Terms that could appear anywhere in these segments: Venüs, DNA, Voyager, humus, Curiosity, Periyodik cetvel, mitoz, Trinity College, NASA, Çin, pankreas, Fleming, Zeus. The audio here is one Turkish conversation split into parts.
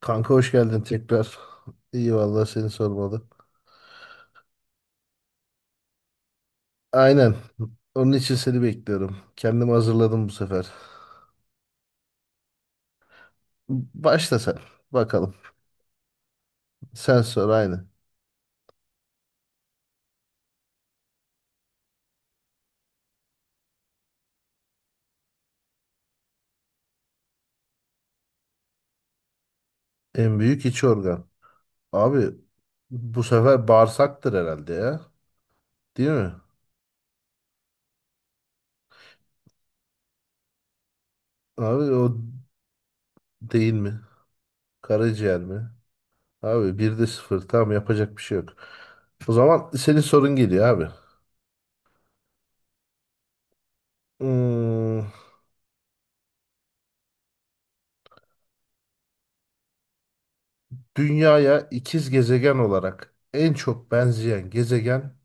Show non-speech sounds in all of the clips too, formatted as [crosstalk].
Kanka hoş geldin tekrar. İyi valla seni sormalı. Aynen. Onun için seni bekliyorum. Kendimi hazırladım bu sefer. Başla sen. Bakalım. Sen sor aynı. En büyük iç organ. Abi bu sefer bağırsaktır herhalde ya. Değil mi? Abi o değil mi? Karaciğer mi? Abi bir de sıfır. Tamam yapacak bir şey yok. O zaman senin sorun geliyor abi. Hmm, Dünyaya ikiz gezegen olarak en çok benzeyen gezegen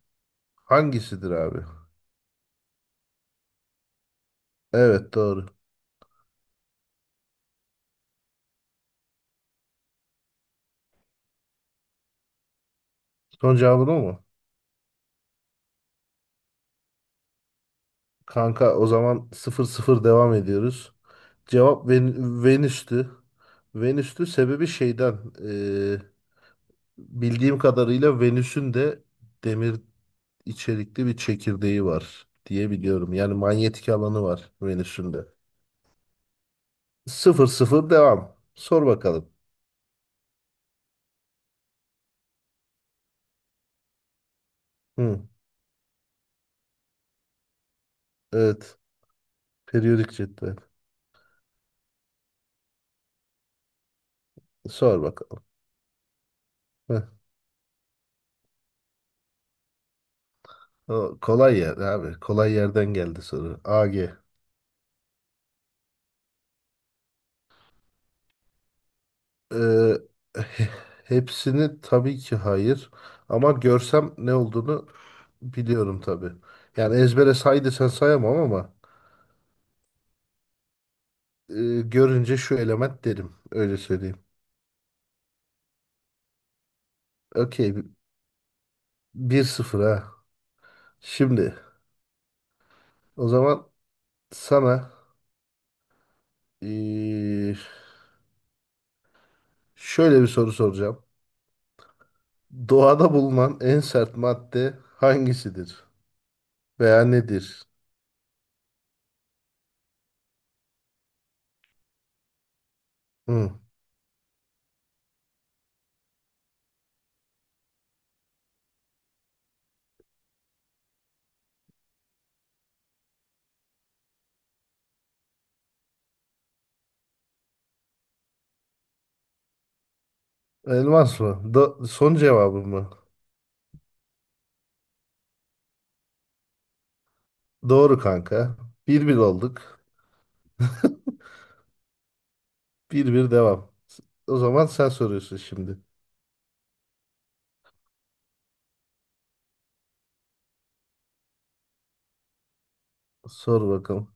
hangisidir abi? Evet doğru. Son cevabın o mu? Kanka o zaman sıfır sıfır devam ediyoruz. Cevap Venüs'tü. Venüs'tü sebebi şeyden. Bildiğim kadarıyla Venüs'ün de demir içerikli bir çekirdeği var diye biliyorum. Yani manyetik alanı var Venüs'ün de. Sıfır 0 devam. Sor bakalım. Hı, evet. Periyodik cetvel. Sor bakalım. Heh, o kolay yer abi. Kolay yerden geldi soru. Ag. Eee, he- Hepsini tabii ki hayır. Ama görsem ne olduğunu biliyorum tabii. Yani ezbere say desen sayamam ama görünce şu element derim. Öyle söyleyeyim. Okey. Bir sıfır ha. Şimdi o zaman sana eee, şöyle bir soru soracağım. Doğada bulunan en sert madde hangisidir? Veya nedir? Hı. Elmas mı? Son cevabı mı? Doğru kanka. Bir bir olduk. Bir bir devam. O zaman sen soruyorsun şimdi. Sor bakalım.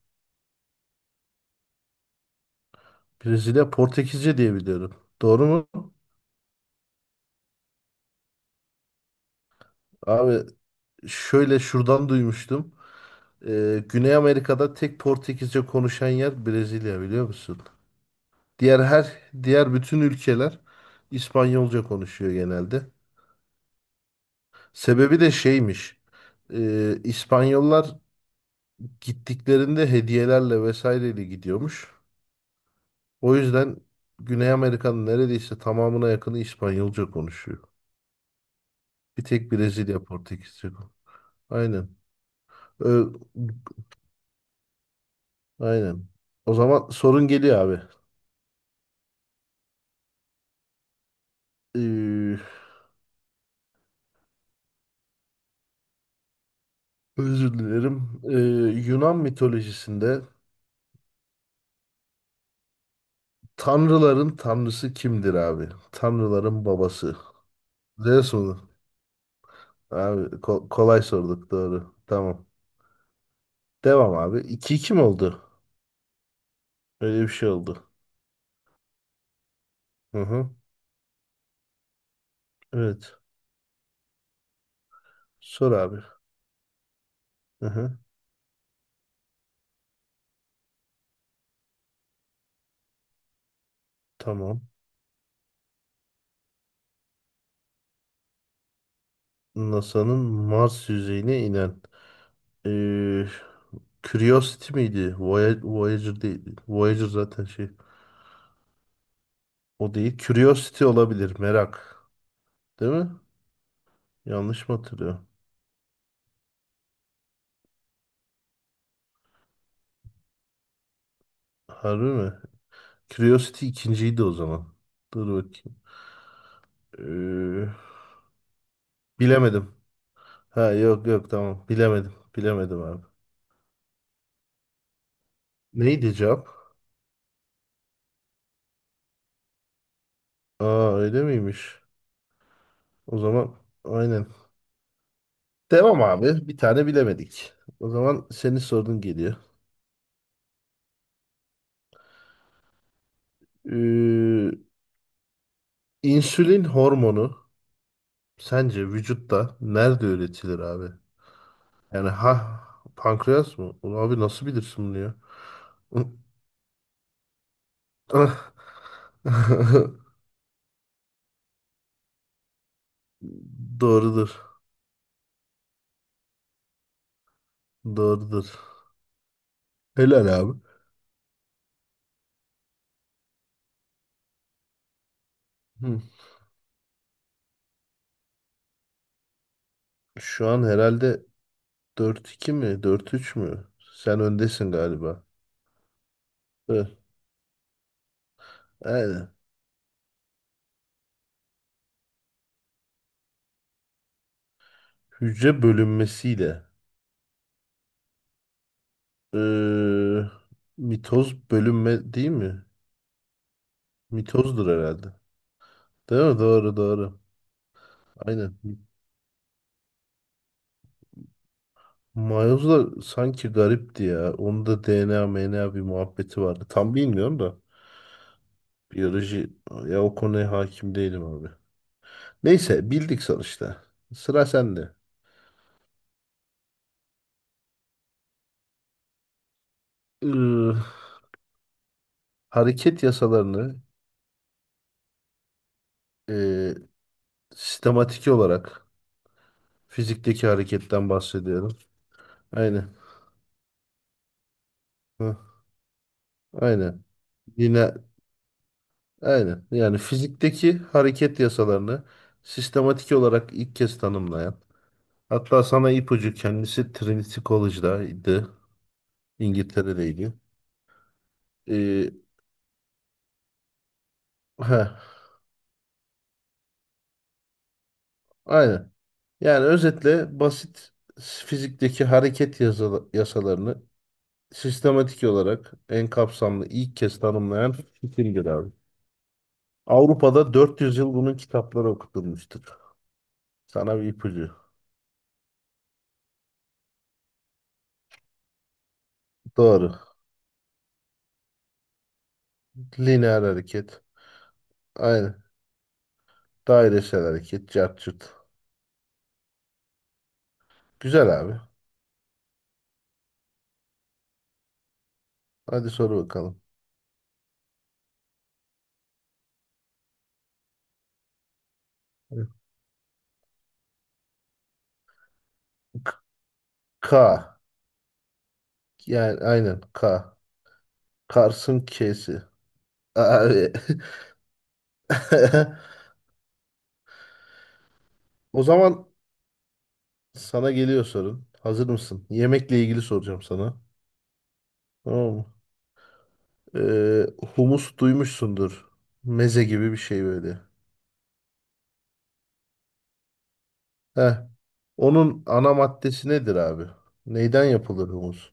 Brezilya Portekizce diye biliyorum. Doğru mu? Abi şöyle şuradan duymuştum. Güney Amerika'da tek Portekizce konuşan yer Brezilya biliyor musun? Diğer her Diğer bütün ülkeler İspanyolca konuşuyor genelde. Sebebi de şeymiş. İspanyollar gittiklerinde hediyelerle vesaireyle gidiyormuş. O yüzden Güney Amerika'nın neredeyse tamamına yakını İspanyolca konuşuyor. Bir tek Brezilya Portekizce. Aynen. Ö- aynen. O zaman sorun geliyor abi. Ee, Özür dilerim. Yunan mitolojisinde tanrıların tanrısı kimdir abi? Tanrıların babası. Zeus mu? Abi kolay sorduk doğru. Tamam. Devam abi. 2-2 mi oldu? Öyle bir şey oldu. Hı hı. Evet. Sor abi. Hı hı. Tamam. NASA'nın Mars yüzeyine inen eee, Curiosity miydi? Voyager değil, Voyager zaten şey. O değil. Curiosity olabilir. Merak. Değil mi? Yanlış mı hatırlıyorum? Harbi mi? Curiosity ikinciydi o zaman. Dur bakayım. Eee, Bilemedim. Ha, yok yok tamam. Bilemedim. Bilemedim abi. Neydi cevap? Aa öyle miymiş? O zaman aynen. Devam abi. Bir tane bilemedik. O zaman senin sorun geliyor. İnsülin hormonu sence vücutta nerede üretilir abi? Yani ha pankreas mı? Ulan abi nasıl bilirsin bunu ya? [laughs] Doğrudur. Doğrudur. Helal abi. Hı. Şu an herhalde dört iki mi? Dört üç mü? Sen öndesin galiba. Evet. Aynen. Hücre bölünmesiyle. Ee, Mitoz bölünme değil mi? Mitozdur herhalde. Değil mi? Doğru doğru. Aynen. Miles'la sanki garipti ya. Onun da DNA, MNA bir muhabbeti vardı. Tam bilmiyorum da. Biyoloji ya o konuya hakim değilim abi. Neyse bildik sonuçta. Sıra sende. Iı, Hareket yasalarını eee, sistematik olarak fizikteki hareketten bahsediyorum. Aynen. Hı, aynen. Yine aynen. Yani fizikteki hareket yasalarını sistematik olarak ilk kez tanımlayan. Hatta sana ipucu kendisi Trinity College'daydı. İngiltere'deydi. Ee, ha, aynen. Yani özetle basit fizikteki hareket yasalarını sistematik olarak en kapsamlı ilk kez tanımlayan Fikin'dir abi. Avrupa'da 400 yıl bunun kitapları okutulmuştur. Sana bir ipucu. Doğru. Lineer hareket. Aynen. Dairesel hareket. Cart curt. Güzel abi. Hadi soru bakalım. K. Yani aynen K. Kars'ın K'si. Abi. [laughs] O zaman sana geliyor sorun. Hazır mısın? Yemekle ilgili soracağım sana. Tamam mı? Ee, Humus duymuşsundur. Meze gibi bir şey böyle. Heh. Onun ana maddesi nedir abi? Neyden yapılır humus?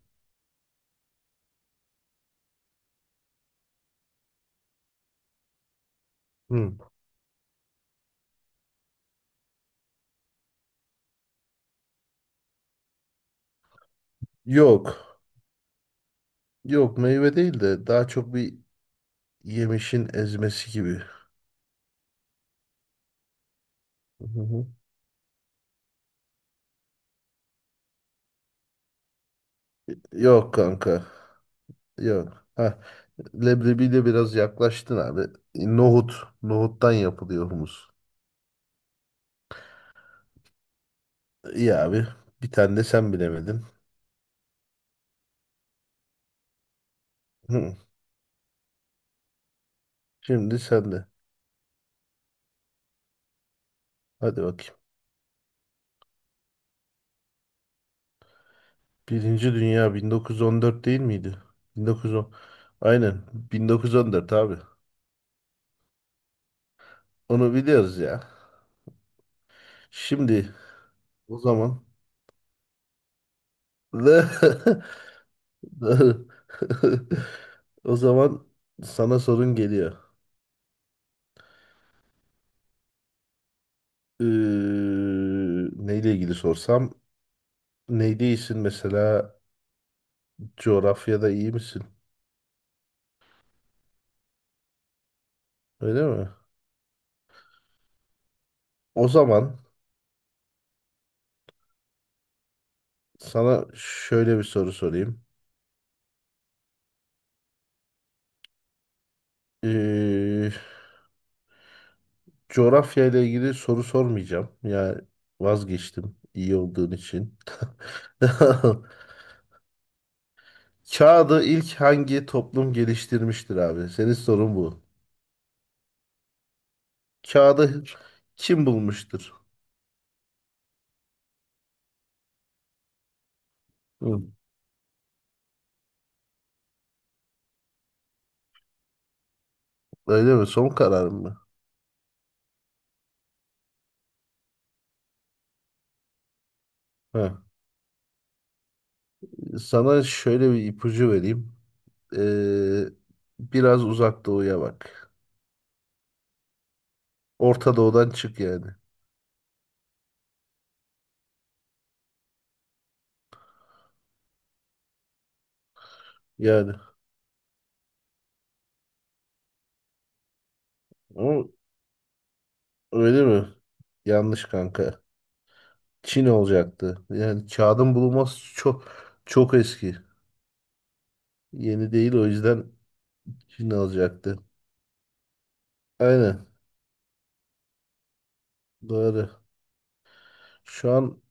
Hı. Yok. Yok meyve değil de daha çok bir yemişin ezmesi gibi. Hı hı. Yok kanka. Yok. Heh. Leblebiyle biraz yaklaştın abi. Nohut. Nohuttan yapılıyor humus. İyi abi. Bir tane de sen bilemedin. Hı, Şimdi sen de. Hadi bakayım. Birinci Dünya 1914 değil miydi? 1910. Aynen. 1914 abi. Onu biliyoruz ya. Şimdi o zaman. [laughs] Doğru. [laughs] O zaman sana sorun geliyor. Ee, Neyle ilgili sorsam neyde iyisin mesela coğrafyada iyi misin? Öyle mi? O zaman sana şöyle bir soru sorayım. Ee, Coğrafya ile ilgili soru sormayacağım. Yani vazgeçtim iyi olduğun için. [laughs] Kağıdı ilk hangi toplum geliştirmiştir abi? Senin sorun bu. Kağıdı kim bulmuştur? Hı. Öyle mi? Son kararım mı? Heh. Sana şöyle bir ipucu vereyim. Ee, Biraz uzak doğuya bak. Orta doğudan çık yani. Yani. Ama öyle mi? Yanlış kanka. Çin olacaktı. Yani kağıdın bulunması çok çok eski. Yeni değil o yüzden Çin alacaktı. Aynen doğru. Şu an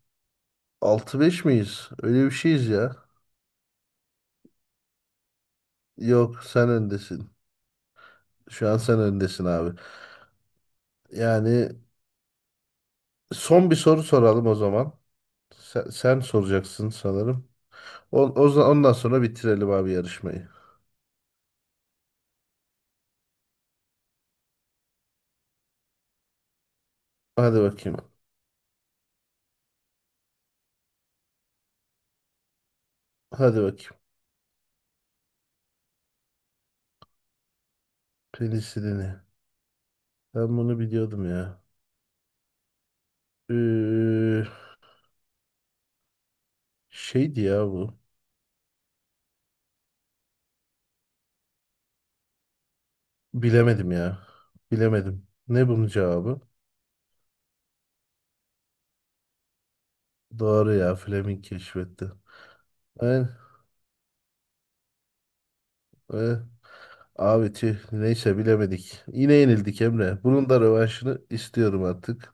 altı beş miyiz? Öyle bir şeyiz ya. Yok sen öndesin. Şu an sen öndesin abi. Yani son bir soru soralım o zaman. Sen soracaksın sanırım. Ondan sonra bitirelim abi yarışmayı. Hadi bakayım. Hadi bakayım. Penisilini. Ben bunu biliyordum ya. Ee, Şeydi ya bu. Bilemedim ya. Bilemedim. Ne bunun cevabı? Doğru ya. Fleming keşfetti. Aynen. Aynen. Abi tüh. Neyse bilemedik. Yine yenildik Emre. Bunun da rövanşını istiyorum artık.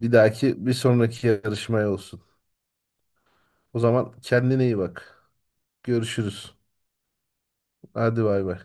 Bir sonraki yarışmaya olsun. O zaman kendine iyi bak. Görüşürüz. Hadi bay bay.